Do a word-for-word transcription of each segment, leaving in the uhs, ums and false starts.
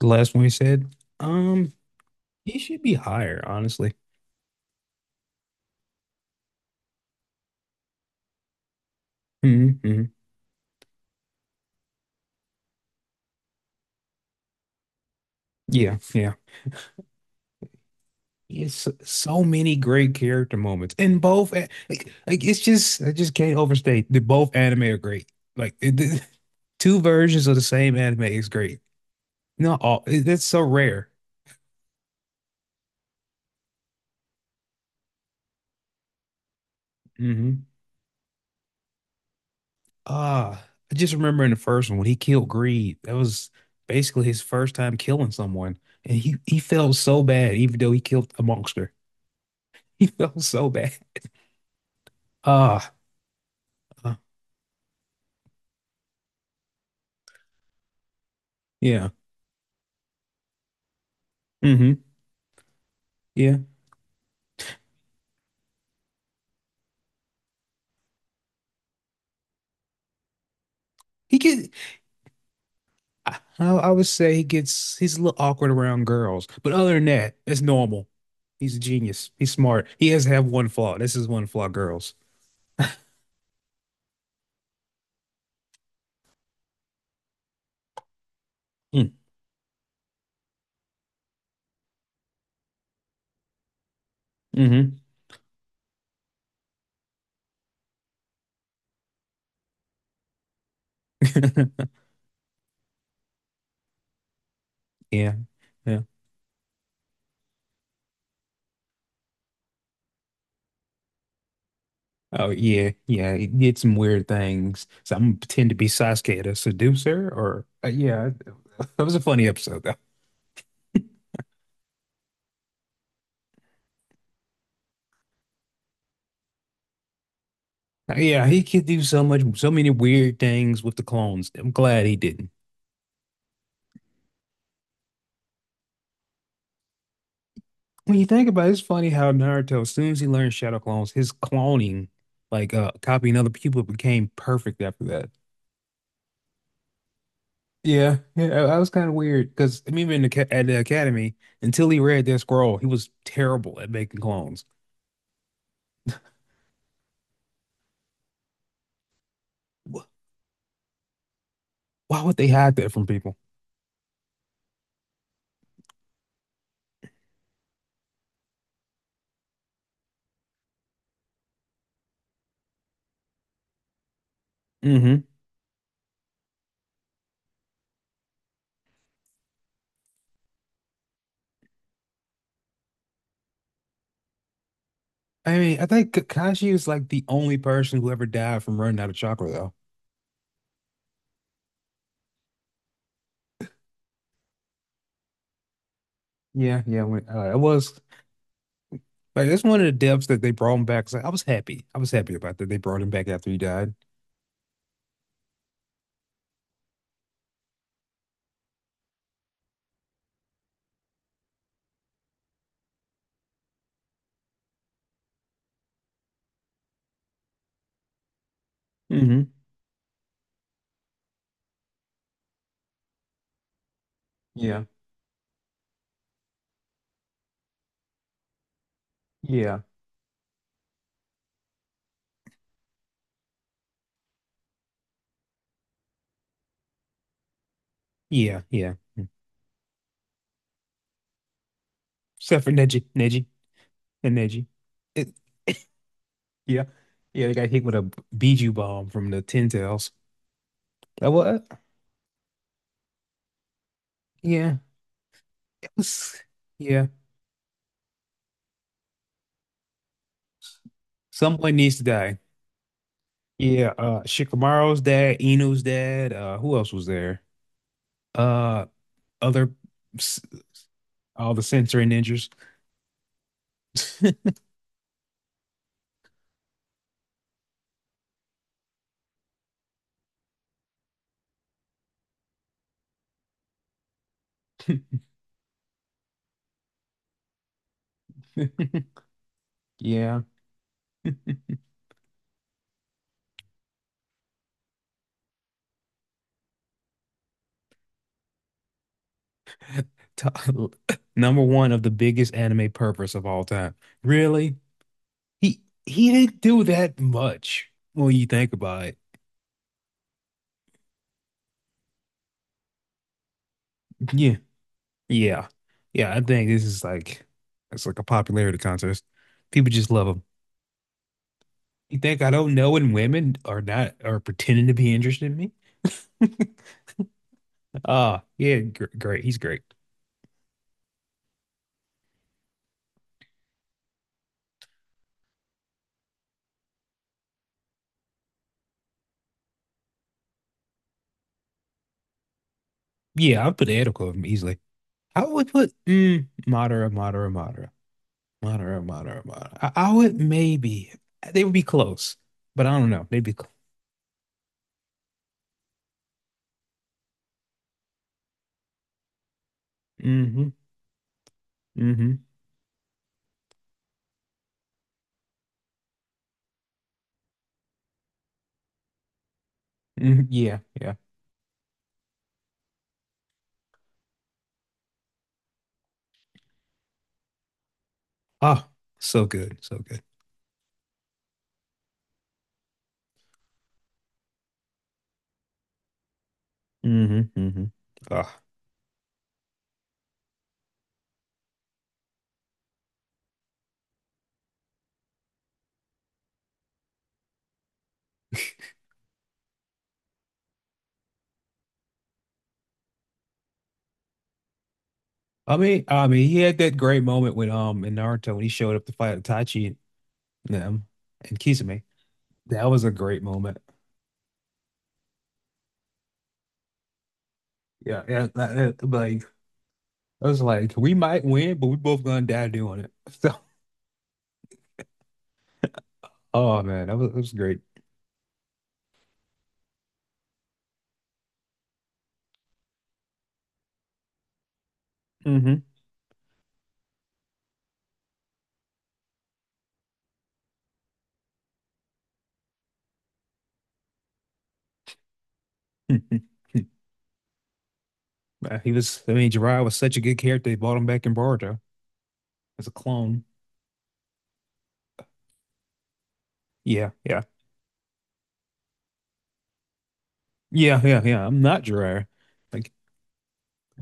The last one we said, um, he should be higher, honestly. Hmm, hmm. Yeah, yeah. It's so many great character moments in both. a- Like, like it's just I just can't overstate that both anime are great. Like it, the- two versions of the same anime is great. Not all. it- That's so rare. Hmm. Ah, I just remember in the first one when he killed Greed. That was basically his first time killing someone, and he he felt so bad, even though he killed a monster. He felt so bad. Ah. Ah. Yeah. Hmm. Yeah. He get I, I would say he gets he's a little awkward around girls, but other than that, it's normal. He's a genius. He's smart. He has to have one flaw. This is one flaw, girls. Mm. Hmm. Yeah. Yeah. Oh yeah. Yeah. He did some weird things. So I'm gonna pretend to be Sasuke to seduce her or uh, yeah. That was a funny episode though. Yeah, he could do so much so many weird things with the clones. I'm glad he didn't. When you think about it, it's funny how Naruto, as soon as he learned Shadow Clones, his cloning, like uh copying other people, became perfect after that. Yeah, yeah, that that was kind of weird because even in the, ca- at the academy, until he read that scroll, he was terrible at making clones. Wh- Why would they hide that from people? Hmm. I mean, I think Kakashi is like the only person who ever died from running out of chakra, though. Yeah, yeah, when, uh, it was like that's one of the depths that they brought him back. So I was happy. I was happy about that. They brought him back after he died. Hmm. Yeah. Yeah. Yeah, yeah. Mm. Except for Neji, Neji, and Neji. It, yeah, yeah. They got hit with a Biju bomb from the Ten Tails. That what? Yeah, it was. Yeah, someone needs to die. Yeah, uh, Shikamaru's dad, Inu's dad. Uh, who else was there? Uh, other, s- all the sensory ninjas. Yeah, To- number one of the biggest anime purpose of all time. Really? He he didn't do that much when you think about it. Yeah. Yeah. Yeah, I think this is like it's like a popularity contest. People just love him. You think I don't know when women are not are pretending to be interested in me? Ah, yeah, gr great. He's great. Yeah, I'll put Ed of him easily. I would put mm, Madara, Madara, Madara, Madara, Madara, Madara. I, I would maybe they would be close, but I don't know. They'd be close. Mm-hmm. Mm-hmm. Hmm. Yeah, yeah. Ah, so good, so good. Mm-hmm. Mm-hmm. Ah, I mean, I mean, he had that great moment when um in Naruto when he showed up to fight Itachi and them and Kisame. That was a great moment. Yeah, yeah. that- that- like I was like, we might win, but we both gonna die doing it. So, oh man, that was that was great. Hmm. He was. I mean, Jiraiya was such a good character. They brought him back in Boruto as a clone. Yeah, yeah, yeah, yeah, yeah. I'm not Jiraiya. Like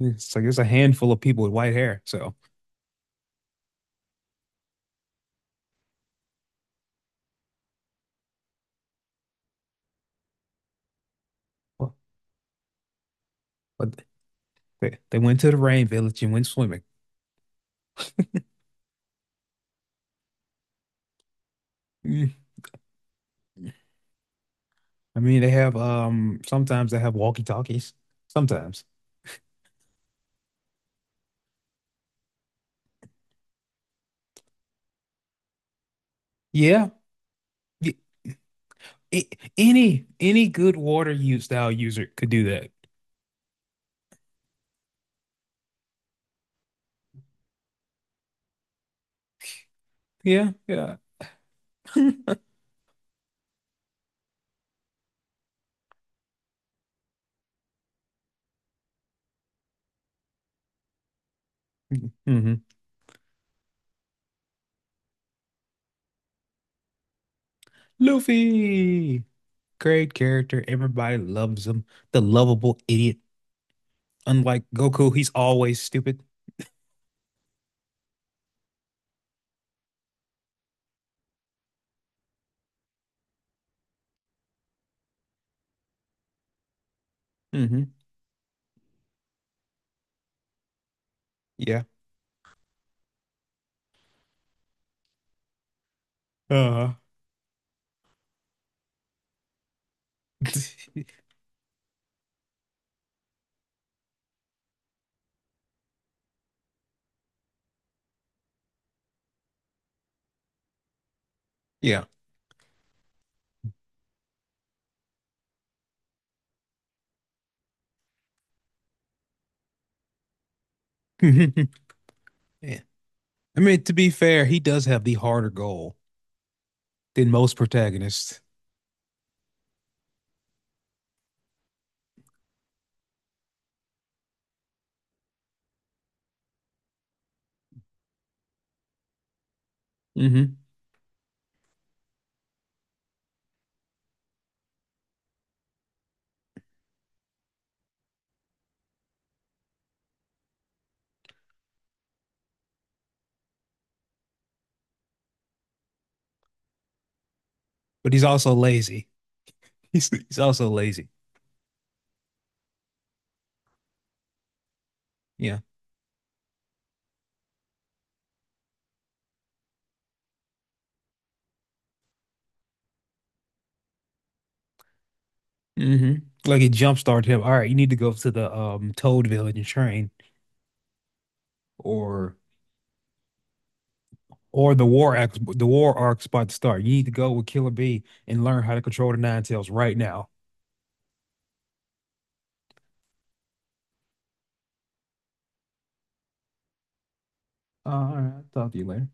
it's like there's a handful of people with white hair. So, well, but they they went to the rain village and went swimming. I mean, they have um sometimes they have walkie-talkies. Sometimes. Yeah. Y- a- any any good water use style user could do that. Yeah, yeah. Hmm. Luffy, great character. Everybody loves him. The lovable idiot. Unlike Goku, he's always stupid. Hmm. Yeah. Uh-huh. Yeah. Yeah. I mean, to be fair, he does have the harder goal than most protagonists. Hmm. But he's also lazy. He's he's also lazy. Yeah. Hmm. Like it jumpstarted him. All right, you need to go to the um Toad Village and train or or the war arc, the war arc spot to start. You need to go with Killer Bee and learn how to control the Ninetales right now. Uh, all right, I'll talk to you later.